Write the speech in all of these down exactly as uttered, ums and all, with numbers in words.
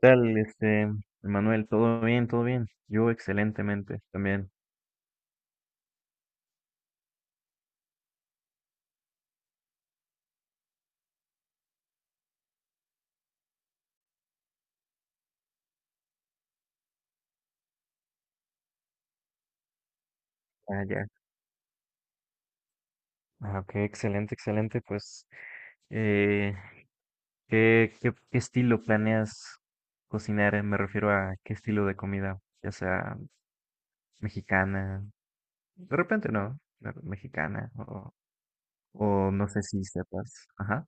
Tal, este, Manuel? ¿Todo bien? ¿Todo bien? Yo excelentemente también. Ah, ya. Ah, ok, excelente, excelente. Pues, eh, ¿qué, qué, qué estilo planeas cocinar? Eh, Me refiero a qué estilo de comida, ya sea mexicana, de repente no, me- mexicana, o, o no sé si sepas. Ajá.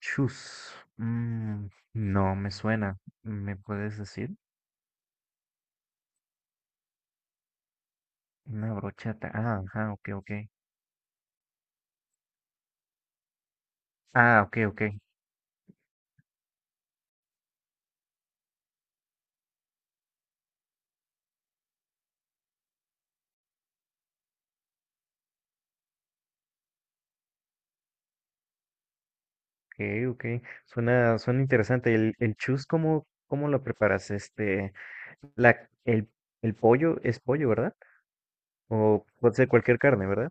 Chus. Mm, no me suena. ¿Me puedes decir? Una brochata. Ah, ajá, ok, ok. Ah, ok, ok. Okay, okay. Suena, suena interesante. El, el chus, ¿cómo, cómo lo preparas? Este, la, el, el pollo es pollo, ¿verdad? O puede ser cualquier carne, ¿verdad?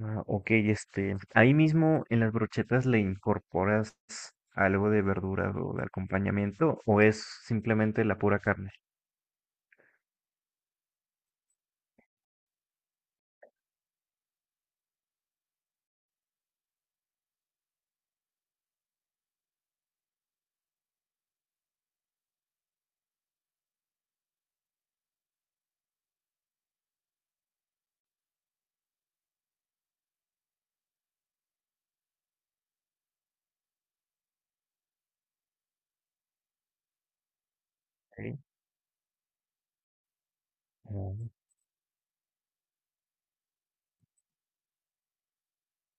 Ah, ok, este, ahí mismo en las brochetas le incorporas algo de verduras o de acompañamiento, o es simplemente la pura carne. Ok. Oh,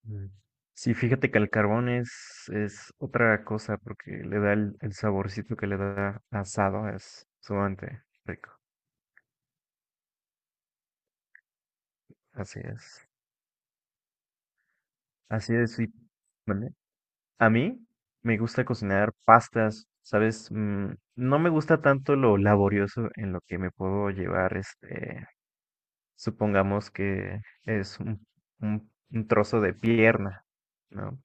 mm. Sí, fíjate que el carbón es, es otra cosa porque le da el, el saborcito que le da asado, es sumamente rico. Así es. Así es, sí. ¿Vale? A mí me gusta cocinar pastas, ¿sabes? Mm, no me gusta tanto lo laborioso en lo que me puedo llevar, este, supongamos que es un, un- un trozo de pierna, ¿no?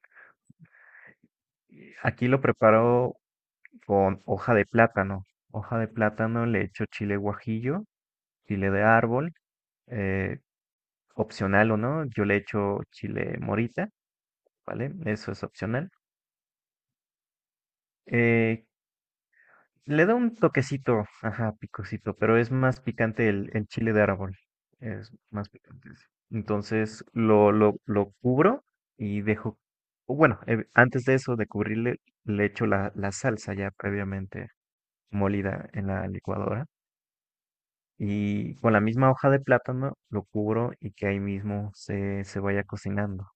Y aquí lo preparo con hoja de plátano. Hoja de plátano, le echo chile guajillo, chile de árbol, eh, opcional o no, yo le echo chile morita, ¿vale? Eso es opcional. Eh, Le da un toquecito, ajá, picosito, pero es más picante el, el chile de árbol. Es más picante. Sí. Entonces lo, lo, lo cubro y dejo, o bueno, eh, antes de eso, de cubrirle, le echo la, la salsa ya previamente molida en la licuadora. Y con la misma hoja de plátano lo cubro y que ahí mismo se, se vaya cocinando.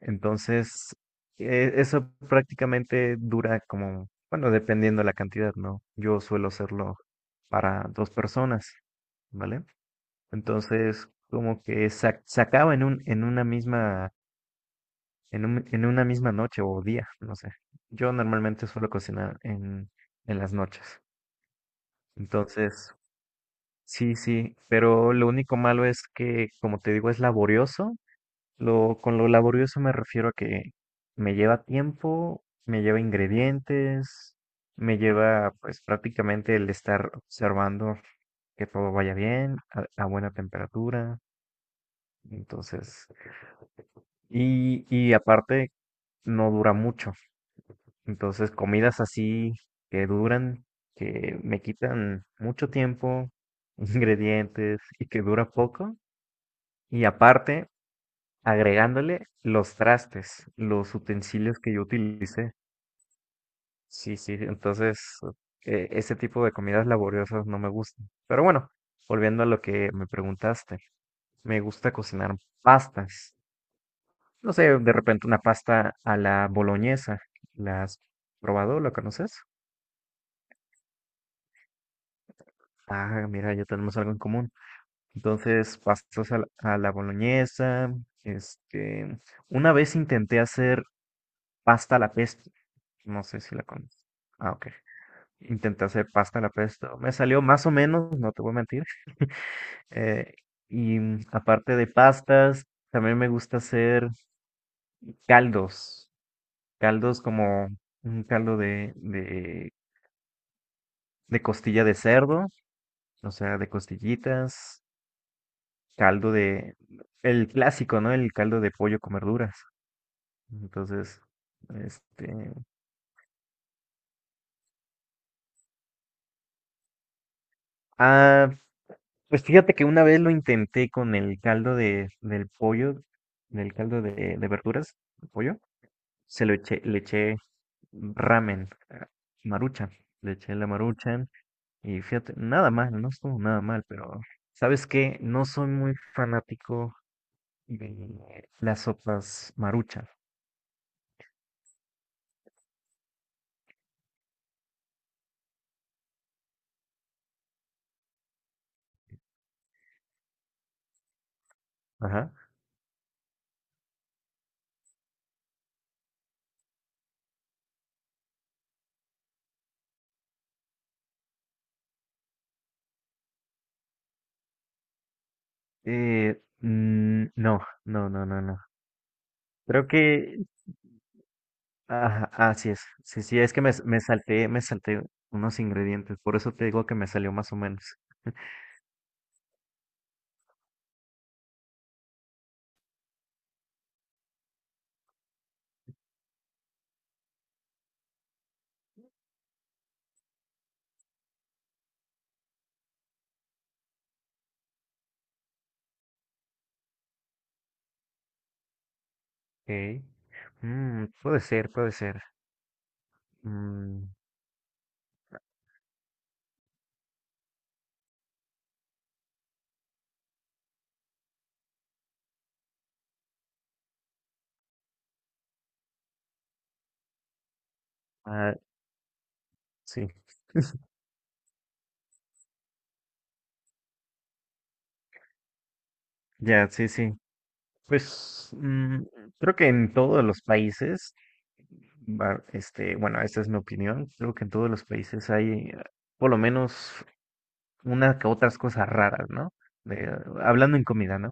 Entonces, eh, eso prácticamente dura como, bueno, dependiendo la cantidad, ¿no? Yo suelo hacerlo para dos personas, ¿vale? Entonces, como que sa- se acaba en un, en una misma, en un- en una misma noche o día, no sé. Yo normalmente suelo cocinar en, en las noches. Entonces, sí, sí, pero lo único malo es que, como te digo, es laborioso. Lo, con lo laborioso me refiero a que me lleva tiempo, me lleva ingredientes, me lleva pues prácticamente el estar observando que todo vaya bien, a, a buena temperatura, entonces, y, y aparte no dura mucho, entonces comidas así que duran, que me quitan mucho tiempo, ingredientes y que dura poco, y aparte agregándole los trastes, los utensilios que yo utilicé. Sí, sí, entonces eh, ese tipo de comidas laboriosas no me gustan. Pero bueno, volviendo a lo que me preguntaste, me gusta cocinar pastas. No sé, de repente una pasta a la boloñesa. ¿La has probado? ¿La conoces? Ah, mira, ya tenemos algo en común. Entonces, pastas a la, a la boloñesa. Este, una vez intenté hacer pasta a la pesto. No sé si la conoces. Ah, ok. Intenté hacer pasta a la pesto. Me salió más o menos, no te voy a mentir. eh, y mm, aparte de pastas, también me gusta hacer caldos. Caldos como un caldo de, de, de costilla de cerdo, o sea, de costillitas. Caldo de... El clásico, ¿no? El caldo de pollo con verduras. Entonces, este... Ah, pues fíjate que una vez lo intenté con el caldo de, del pollo, del caldo de, de verduras, de pollo se lo eché, le eché ramen, ah, marucha, le eché la marucha y fíjate, nada mal, no estuvo nada mal, pero ¿sabes qué? No soy muy fanático de las sopas marucha. Ajá. Eh, mm, no, no, no, no, no. Creo que, ajá, así es. Sí, sí, es que me, me salté, me salté unos ingredientes, por eso te digo que me salió más o menos. Ok. Mm, puede ser, puede ser. Mm, ah, sí. Ya, sí, sí. Pues mm, creo que en todos los países, va- este, bueno, esta es mi opinión, creo que en todos los países hay eh, por lo menos una que otras cosas raras, ¿no? De, hablando en comida, ¿no?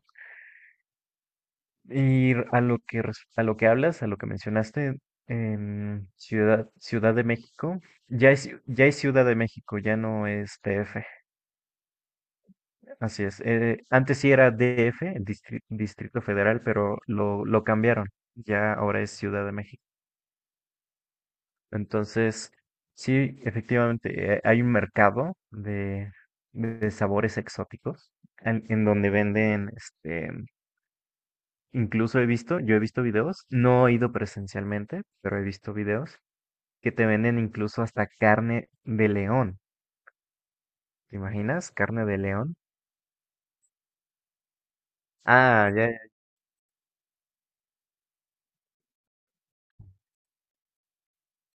Y r- a lo que res- a lo que hablas, a lo que mencionaste en Ciudad Ciudad de México, ya es ya es Ciudad de México, ya no es T F. Así es. eh, antes sí era D F, el Distri- Distrito Federal, pero lo, lo cambiaron. Ya ahora es Ciudad de México. Entonces, sí, efectivamente, eh, hay un mercado de, de sabores exóticos en, en donde venden, este, incluso he visto, yo he visto videos, no he ido presencialmente, pero he visto videos que te venden incluso hasta carne de león. ¿Te imaginas? Carne de león. Ah, ya.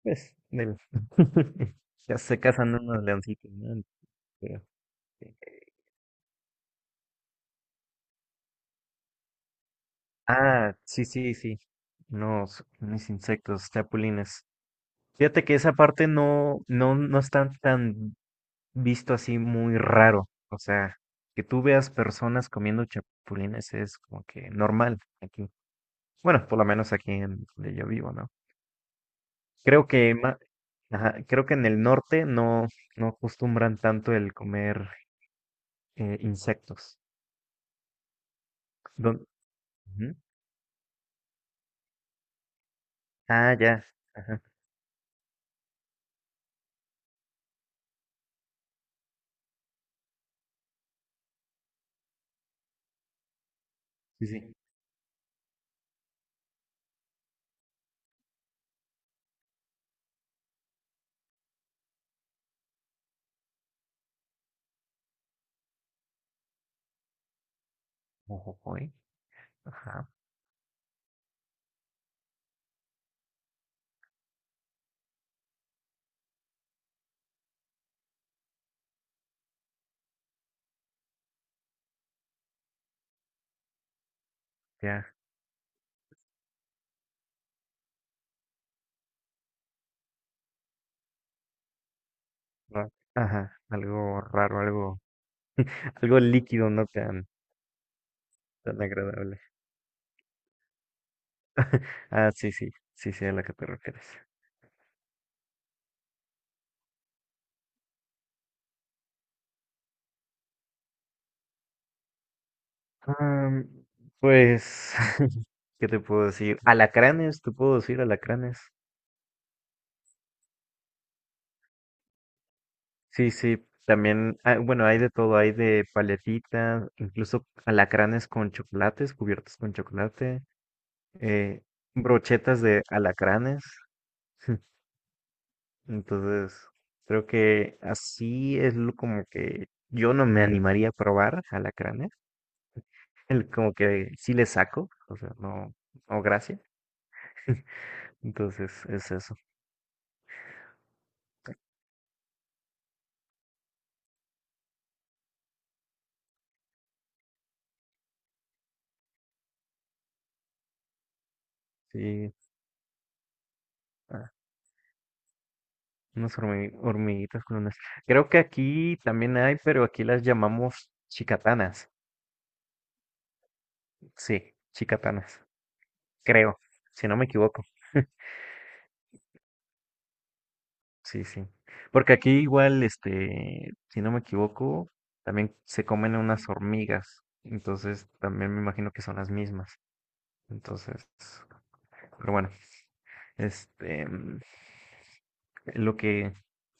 Pues, del- ya se casan unos leoncitos, ¿no? Pero- este, Ah, sí, sí, sí. Unos, unos insectos, chapulines. Fíjate que esa parte no, no, no está tan visto así muy raro. O sea, que tú veas personas comiendo chapulines es como que normal aquí. Bueno, por lo menos aquí en donde yo vivo, ¿no? Creo que ma- ajá, creo que en el norte no, no acostumbran tanto el comer eh, insectos. Don- Ujú. Ah, ya. Ajá. Sí, sí. Mojojoy. Ajá. Ya. ra- Ajá. Algo raro, algo, algo líquido, no tan, tan agradable. Ah, sí, sí. Sí, sí, a la que te refieres. Am, pues, ¿qué te puedo decir? Alacranes, te puedo decir alacranes. Sí, sí. También, ah, bueno, hay de todo, hay de paletitas, incluso alacranes con chocolates, cubiertos con chocolate, eh, brochetas de alacranes. Entonces, creo que así es lo como que yo no me animaría a probar alacranes. El, como que sí le saco, o sea, no, no, gracias. Entonces, es eso. Sí, ah, unas hormi- hormiguitas con unas. Creo que aquí también hay, pero aquí las llamamos chicatanas. Sí, chicatanas. Creo, si no me equivoco. Sí, sí. Porque aquí igual, este, si no me equivoco, también se comen unas hormigas. Entonces, también me imagino que son las mismas. Entonces, pero bueno, este, mm, lo que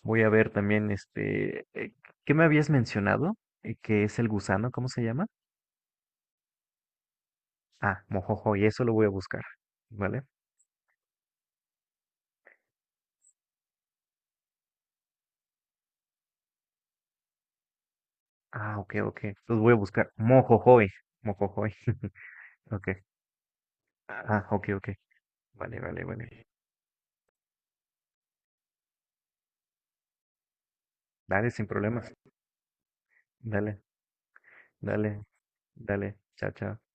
voy a ver también, este, eh, ¿qué me habías mencionado? Eh, ¿Qué es el gusano? ¿Cómo se llama? Ah, mojojoy, eso lo voy a buscar, ¿vale? Ah, ok, ok. Los voy a buscar. Mojojoy, mojojoy. Ok. Ah, ok, ok. Vale, vale, vale. Dale, sin problemas. Dale, dale, dale. Chao, chao.